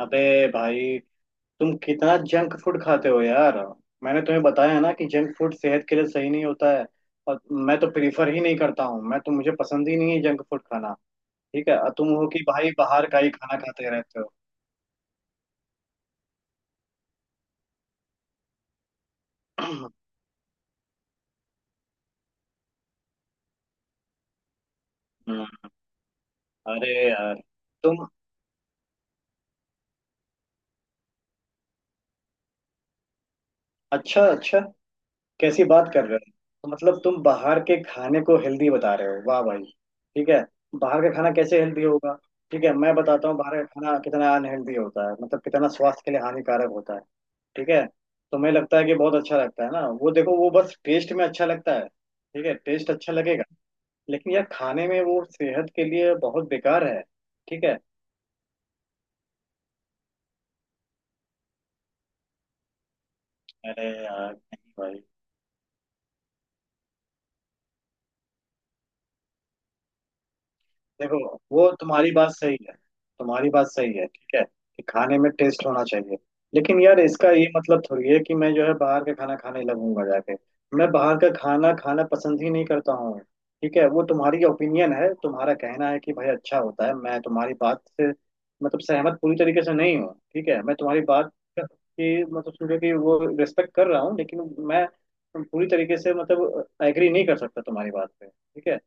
अबे भाई। तुम कितना जंक फूड खाते हो यार। मैंने तुम्हें बताया है ना कि जंक फूड सेहत के लिए सही नहीं होता है। और मैं तो प्रीफर ही नहीं करता हूँ, मैं तो मुझे पसंद ही नहीं है जंक फूड खाना। ठीक है, और तुम हो कि भाई बाहर का ही खाना खाते रहते हो। हम्म, अरे यार तुम। अच्छा अच्छा, कैसी बात कर रहे हो। तो मतलब तुम बाहर के खाने को हेल्दी बता रहे हो, वाह भाई। ठीक है, बाहर का खाना कैसे हेल्दी होगा। ठीक है, मैं बताता हूँ बाहर का खाना कितना अनहेल्दी होता है, मतलब कितना स्वास्थ्य के लिए हानिकारक होता है। ठीक है, तुम्हें लगता है कि बहुत अच्छा लगता है ना वो। देखो वो बस टेस्ट में अच्छा लगता है। ठीक है, टेस्ट अच्छा लगेगा, लेकिन यार खाने में वो सेहत के लिए बहुत बेकार है। ठीक है, अरे यार नहीं भाई। देखो, वो तुम्हारी बात सही है, तुम्हारी बात सही है। ठीक है कि खाने में टेस्ट होना चाहिए, लेकिन यार इसका ये मतलब थोड़ी है कि मैं जो है बाहर का खाना खाने लगूंगा जाके। मैं बाहर का खाना खाना पसंद ही नहीं करता हूँ। ठीक है, वो तुम्हारी ओपिनियन है, तुम्हारा कहना है कि भाई अच्छा होता है। मैं तुम्हारी बात से मतलब सहमत पूरी तरीके से नहीं हूँ। ठीक है, मैं तुम्हारी बात की मतलब समझो कि वो रिस्पेक्ट कर रहा हूँ, लेकिन मैं पूरी तरीके से मतलब एग्री नहीं कर सकता तुम्हारी बात पे। ठीक है,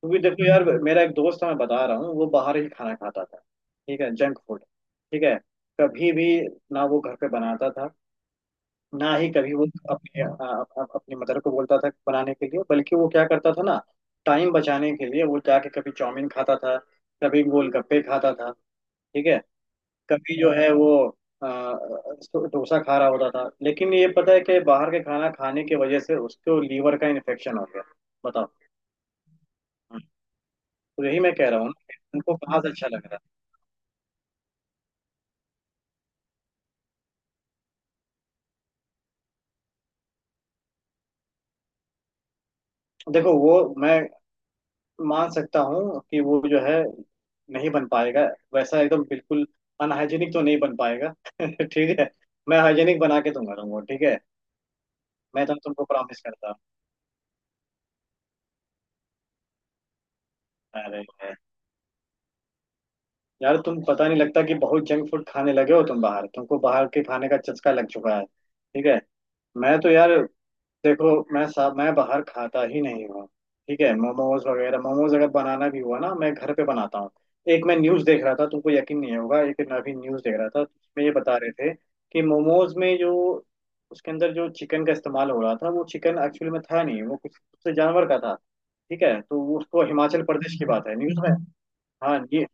क्योंकि देखो यार मेरा एक दोस्त है, मैं बता रहा हूँ। वो बाहर ही खाना खाता था, ठीक है, जंक फूड। ठीक है, कभी भी ना वो घर पे बनाता था, ना ही कभी वो अपने अपनी मदर को बोलता था बनाने के लिए। बल्कि वो क्या करता था ना, टाइम बचाने के लिए वो जाके कभी चाउमीन खाता था, कभी गोलगप्पे खाता था। ठीक है, कभी जो है वो अ, अ, डोसा खा रहा होता था, लेकिन ये पता है कि बाहर के खाना खाने की वजह से उसको लीवर का इन्फेक्शन हो गया। बताओ, तो यही मैं कह रहा हूँ ना, उनको कहाँ से अच्छा लग रहा है। देखो वो, मैं मान सकता हूँ कि वो जो है नहीं बन पाएगा वैसा एकदम बिल्कुल, अनहाइजीनिक तो नहीं बन पाएगा। ठीक है, मैं हाइजीनिक बना के दूंगा तुमको। ठीक है, मैं तो तुमको प्रॉमिस करता हूँ। अरे यार, यार, तुम पता नहीं, लगता कि बहुत जंक फूड खाने लगे हो तुम बाहर, तुमको बाहर के खाने का चस्का लग चुका है। ठीक है, मैं तो यार, देखो मैं साहब मैं बाहर खाता ही नहीं हूँ। ठीक है, मोमोज वगैरह, मोमोज अगर बनाना भी हुआ ना, मैं घर पे बनाता हूँ। एक मैं न्यूज़ देख रहा था, तुमको यकीन नहीं होगा, एक मैं अभी न्यूज़ देख रहा था उसमें ये बता रहे थे कि मोमोज में जो उसके अंदर जो चिकन का इस्तेमाल हो रहा था, वो चिकन एक्चुअली में था नहीं, वो कुछ उससे जानवर का था। ठीक है, तो उसको हिमाचल प्रदेश की बात है, न्यूज़ में। हाँ, ये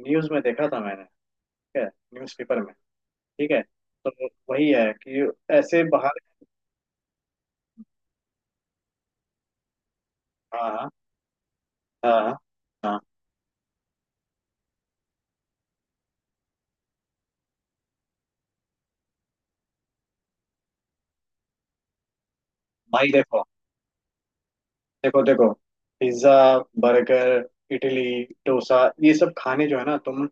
न्यूज़ में देखा था मैंने। ठीक है, न्यूज़ पेपर में। ठीक है, तो वही है कि ऐसे बाहर। हाँ हाँ, हाँ हाँ, हाँ, भाई देखो देखो देखो, पिज्जा, बर्गर, इडली, डोसा, ये सब खाने जो है ना, तुम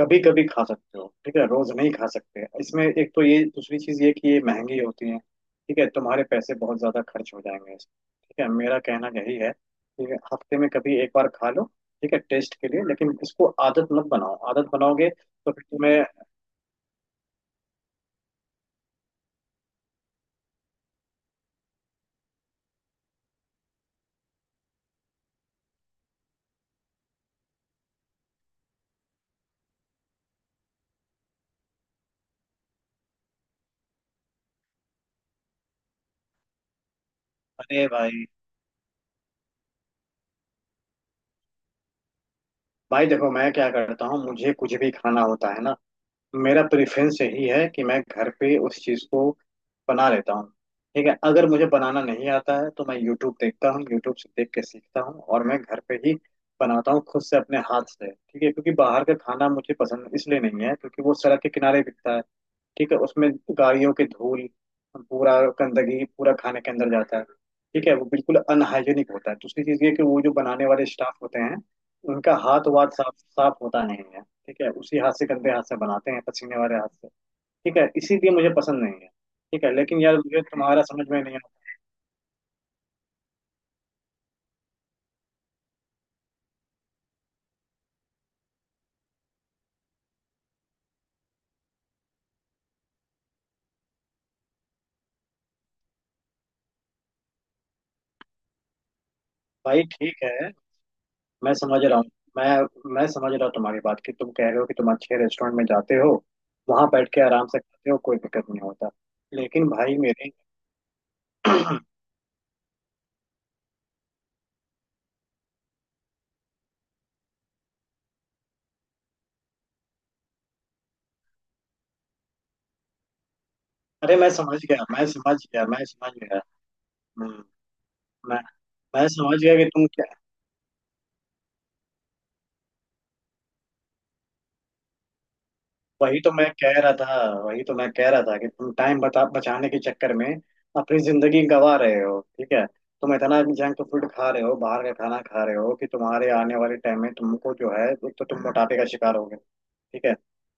कभी कभी खा सकते हो। ठीक है, रोज नहीं खा सकते। इसमें एक तो ये, दूसरी चीज ये कि ये महंगी होती है। ठीक है, तुम्हारे पैसे बहुत ज्यादा खर्च हो जाएंगे इसमें। ठीक है, मेरा कहना यही है कि हफ्ते में कभी एक बार खा लो। ठीक है, टेस्ट के लिए, लेकिन इसको आदत मत बनाओ। आदत बनाओगे तो फिर तुम्हें। अरे भाई, भाई देखो, मैं क्या करता हूँ, मुझे कुछ भी खाना होता है ना, मेरा प्रेफरेंस यही है कि मैं घर पे उस चीज़ को बना लेता हूँ। ठीक है, अगर मुझे बनाना नहीं आता है तो मैं यूट्यूब देखता हूँ, यूट्यूब से देख के सीखता हूँ, और मैं घर पे ही बनाता हूँ खुद से अपने हाथ से। ठीक है, क्योंकि बाहर का खाना मुझे पसंद इसलिए नहीं है क्योंकि वो सड़क के किनारे बिकता है। ठीक है, उसमें गाड़ियों की धूल, पूरा गंदगी पूरा खाने के अंदर जाता है। ठीक है, वो बिल्कुल अनहाइजेनिक होता है। दूसरी चीज़ ये कि वो जो बनाने वाले स्टाफ होते हैं, उनका हाथ वाथ साफ साफ होता नहीं है। ठीक है, उसी हाथ से, गंदे हाथ से बनाते हैं, पसीने वाले हाथ से। ठीक है, इसीलिए मुझे पसंद नहीं है। ठीक है, लेकिन यार मुझे तुम्हारा समझ में नहीं आता। भाई ठीक है, मैं समझ रहा हूँ। मैं समझ रहा हूँ तुम्हारी बात, कि तुम कह रहे हो कि तुम अच्छे रेस्टोरेंट में जाते हो, वहां बैठ के आराम से खाते हो, कोई दिक्कत नहीं होता। लेकिन भाई मेरे। अरे मैं समझ गया, मैं समझ गया, मैं समझ गया। हम्म, मैं मैं समझ गया कि तुम क्या। वही तो मैं कह रहा था, वही तो मैं कह रहा था कि तुम टाइम बता बचाने के चक्कर में अपनी जिंदगी गंवा रहे हो। ठीक है, तुम इतना जंक फूड खा रहे हो, बाहर का खाना खा रहे हो कि तुम्हारे आने वाले टाइम में तुमको जो है, एक तो तुम मोटापे का शिकार होगे। ठीक है,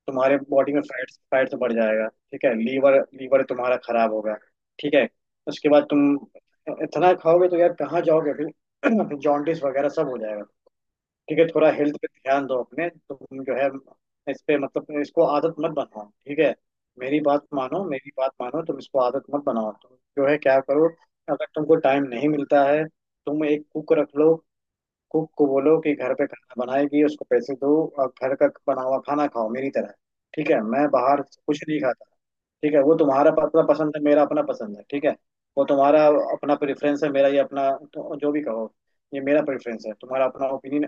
तुम्हारे बॉडी में फैट्स फैट्स बढ़ जाएगा। ठीक है, लीवर लीवर तुम्हारा खराब होगा। ठीक है, उसके बाद तुम इतना खाओगे तो यार कहाँ जाओगे फिर। जॉन्डिस वगैरह सब हो जाएगा। ठीक है, थोड़ा हेल्थ पे ध्यान दो अपने। तुम जो है, इस पे मतलब इसको आदत मत बनाओ। ठीक है, मेरी बात मानो, मेरी बात मानो, तुम इसको आदत मत बनाओ। तुम जो है क्या करो, अगर तुमको टाइम नहीं मिलता है, तुम एक कुक रख लो। कुक को बोलो कि घर पे खाना बनाएगी, उसको पैसे दो, और घर का बना हुआ खाना खाओ मेरी तरह। ठीक है, मैं बाहर कुछ नहीं खाता। ठीक है, वो तुम्हारा अपना पसंद है, मेरा अपना पसंद है। ठीक है, वो तुम्हारा अपना प्रेफरेंस है, मेरा ये अपना, तो जो भी कहो, ये मेरा प्रेफरेंस है, तुम्हारा अपना ओपिनियन।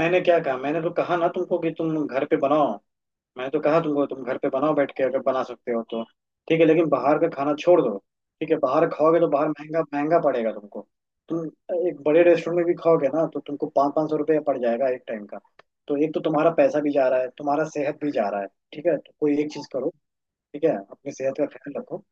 मैंने क्या कहा, मैंने तो कहा ना तुमको कि तुम घर पे बनाओ, मैंने तो कहा तुमको तुम घर पे बनाओ, बैठ के अगर बना सकते हो तो। ठीक है, लेकिन बाहर का खाना छोड़ दो। ठीक है, बाहर खाओगे तो बाहर महंगा महंगा पड़ेगा तुमको। तुम एक बड़े रेस्टोरेंट में भी खाओगे ना, तो तुमको पाँच पाँच सौ रुपये पड़ जाएगा एक टाइम का। तो एक तो तुम्हारा पैसा भी जा रहा है, तुम्हारा सेहत भी जा रहा है। ठीक है, तो कोई एक चीज करो। ठीक है, अपनी सेहत का ख्याल रखो।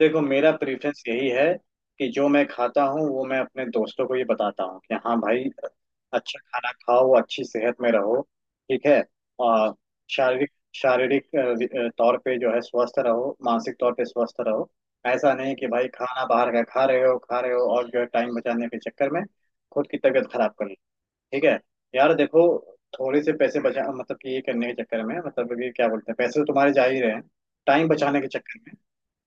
देखो, मेरा प्रेफरेंस यही है कि जो मैं खाता हूँ, वो मैं अपने दोस्तों को ये बताता हूँ कि हाँ भाई, अच्छा खाना खाओ, अच्छी सेहत में रहो। ठीक है, और शारीरिक शारीरिक तौर पे जो है स्वस्थ रहो, मानसिक तौर पे स्वस्थ रहो। ऐसा नहीं कि भाई खाना बाहर का खा रहे हो, खा रहे हो, और जो है टाइम बचाने के चक्कर में खुद की तबीयत खराब कर ली। ठीक है, यार देखो, थोड़े से पैसे बचा, मतलब कि ये करने के चक्कर में, मतलब कि क्या बोलते हैं, पैसे तो तुम्हारे जा ही रहे हैं। टाइम बचाने के चक्कर में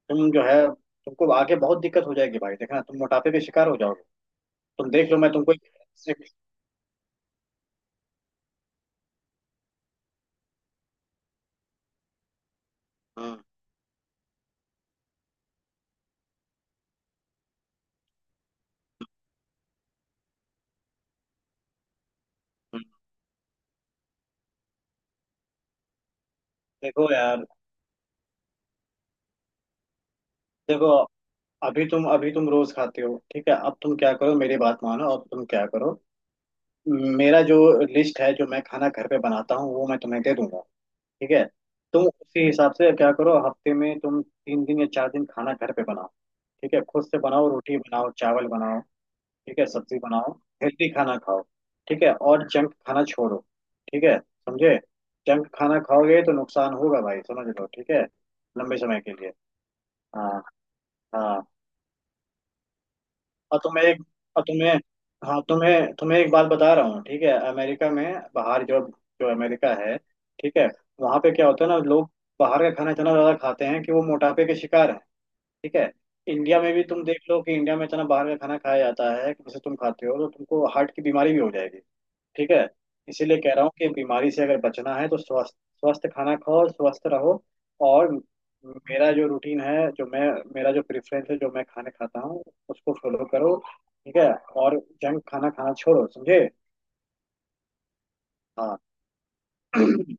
तुम जो है, तुमको आगे बहुत दिक्कत हो जाएगी भाई, देखना, तुम मोटापे के शिकार हो जाओगे। तुम देख लो, हम्म, हम्म। देखो यार, देखो, अभी तुम, अभी तुम रोज खाते हो। ठीक है, अब तुम क्या करो, मेरी बात मानो, अब तुम क्या करो, मेरा जो लिस्ट है, जो मैं खाना घर पे बनाता हूँ, वो मैं तुम्हें दे दूंगा। ठीक है, तुम उसी हिसाब से क्या करो, हफ्ते में तुम तीन दिन या चार दिन खाना घर पे बनाओ। ठीक है, खुद से बनाओ, रोटी बनाओ, चावल बनाओ। ठीक है, सब्जी बनाओ, हेल्दी खाना खाओ। ठीक है, और जंक खाना छोड़ो। ठीक है, समझे, जंक खाना खाओगे तो नुकसान होगा भाई, समझ लो। ठीक है, लंबे समय के लिए। हाँ, हाँ, और तुम्हें एक, और तुम्हें, हाँ तुम्हें, तुम्हें एक बात बता रहा हूँ। ठीक है, अमेरिका में, बाहर जो, जो अमेरिका है, ठीक है, वहाँ पे क्या होता है ना, लोग बाहर का खाना इतना ज़्यादा खाते हैं कि वो मोटापे के शिकार हैं। ठीक है, इंडिया में भी तुम देख लो कि इंडिया में इतना बाहर का खाना खाया जाता है कि जैसे तुम खाते हो तो तुमको हार्ट की बीमारी भी हो जाएगी। ठीक है, इसीलिए कह रहा हूँ कि बीमारी से अगर बचना है तो स्वस्थ, स्वस्थ खाना खाओ, स्वस्थ रहो। और मेरा जो रूटीन है, जो मैं, मेरा जो प्रेफरेंस है, जो मैं खाने खाता हूँ, उसको फॉलो करो। ठीक है, और जंक खाना खाना छोड़ो, समझे। हाँ।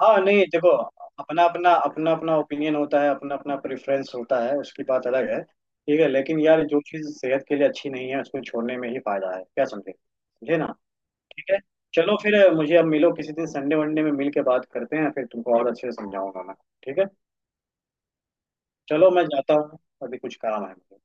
हाँ, नहीं देखो, अपना अपना ओपिनियन होता है, अपना अपना प्रेफरेंस होता है, उसकी बात अलग है। ठीक है, लेकिन यार जो चीज़ सेहत के लिए अच्छी नहीं है उसको छोड़ने में ही फायदा है। क्या समझे, समझे ना। ठीक है, चलो फिर, मुझे अब मिलो किसी दिन, संडे वनडे में मिल के बात करते हैं फिर, तुमको और अच्छे से समझाऊंगा मैं। ठीक है, चलो मैं जाता हूँ, अभी कुछ काम है मुझे।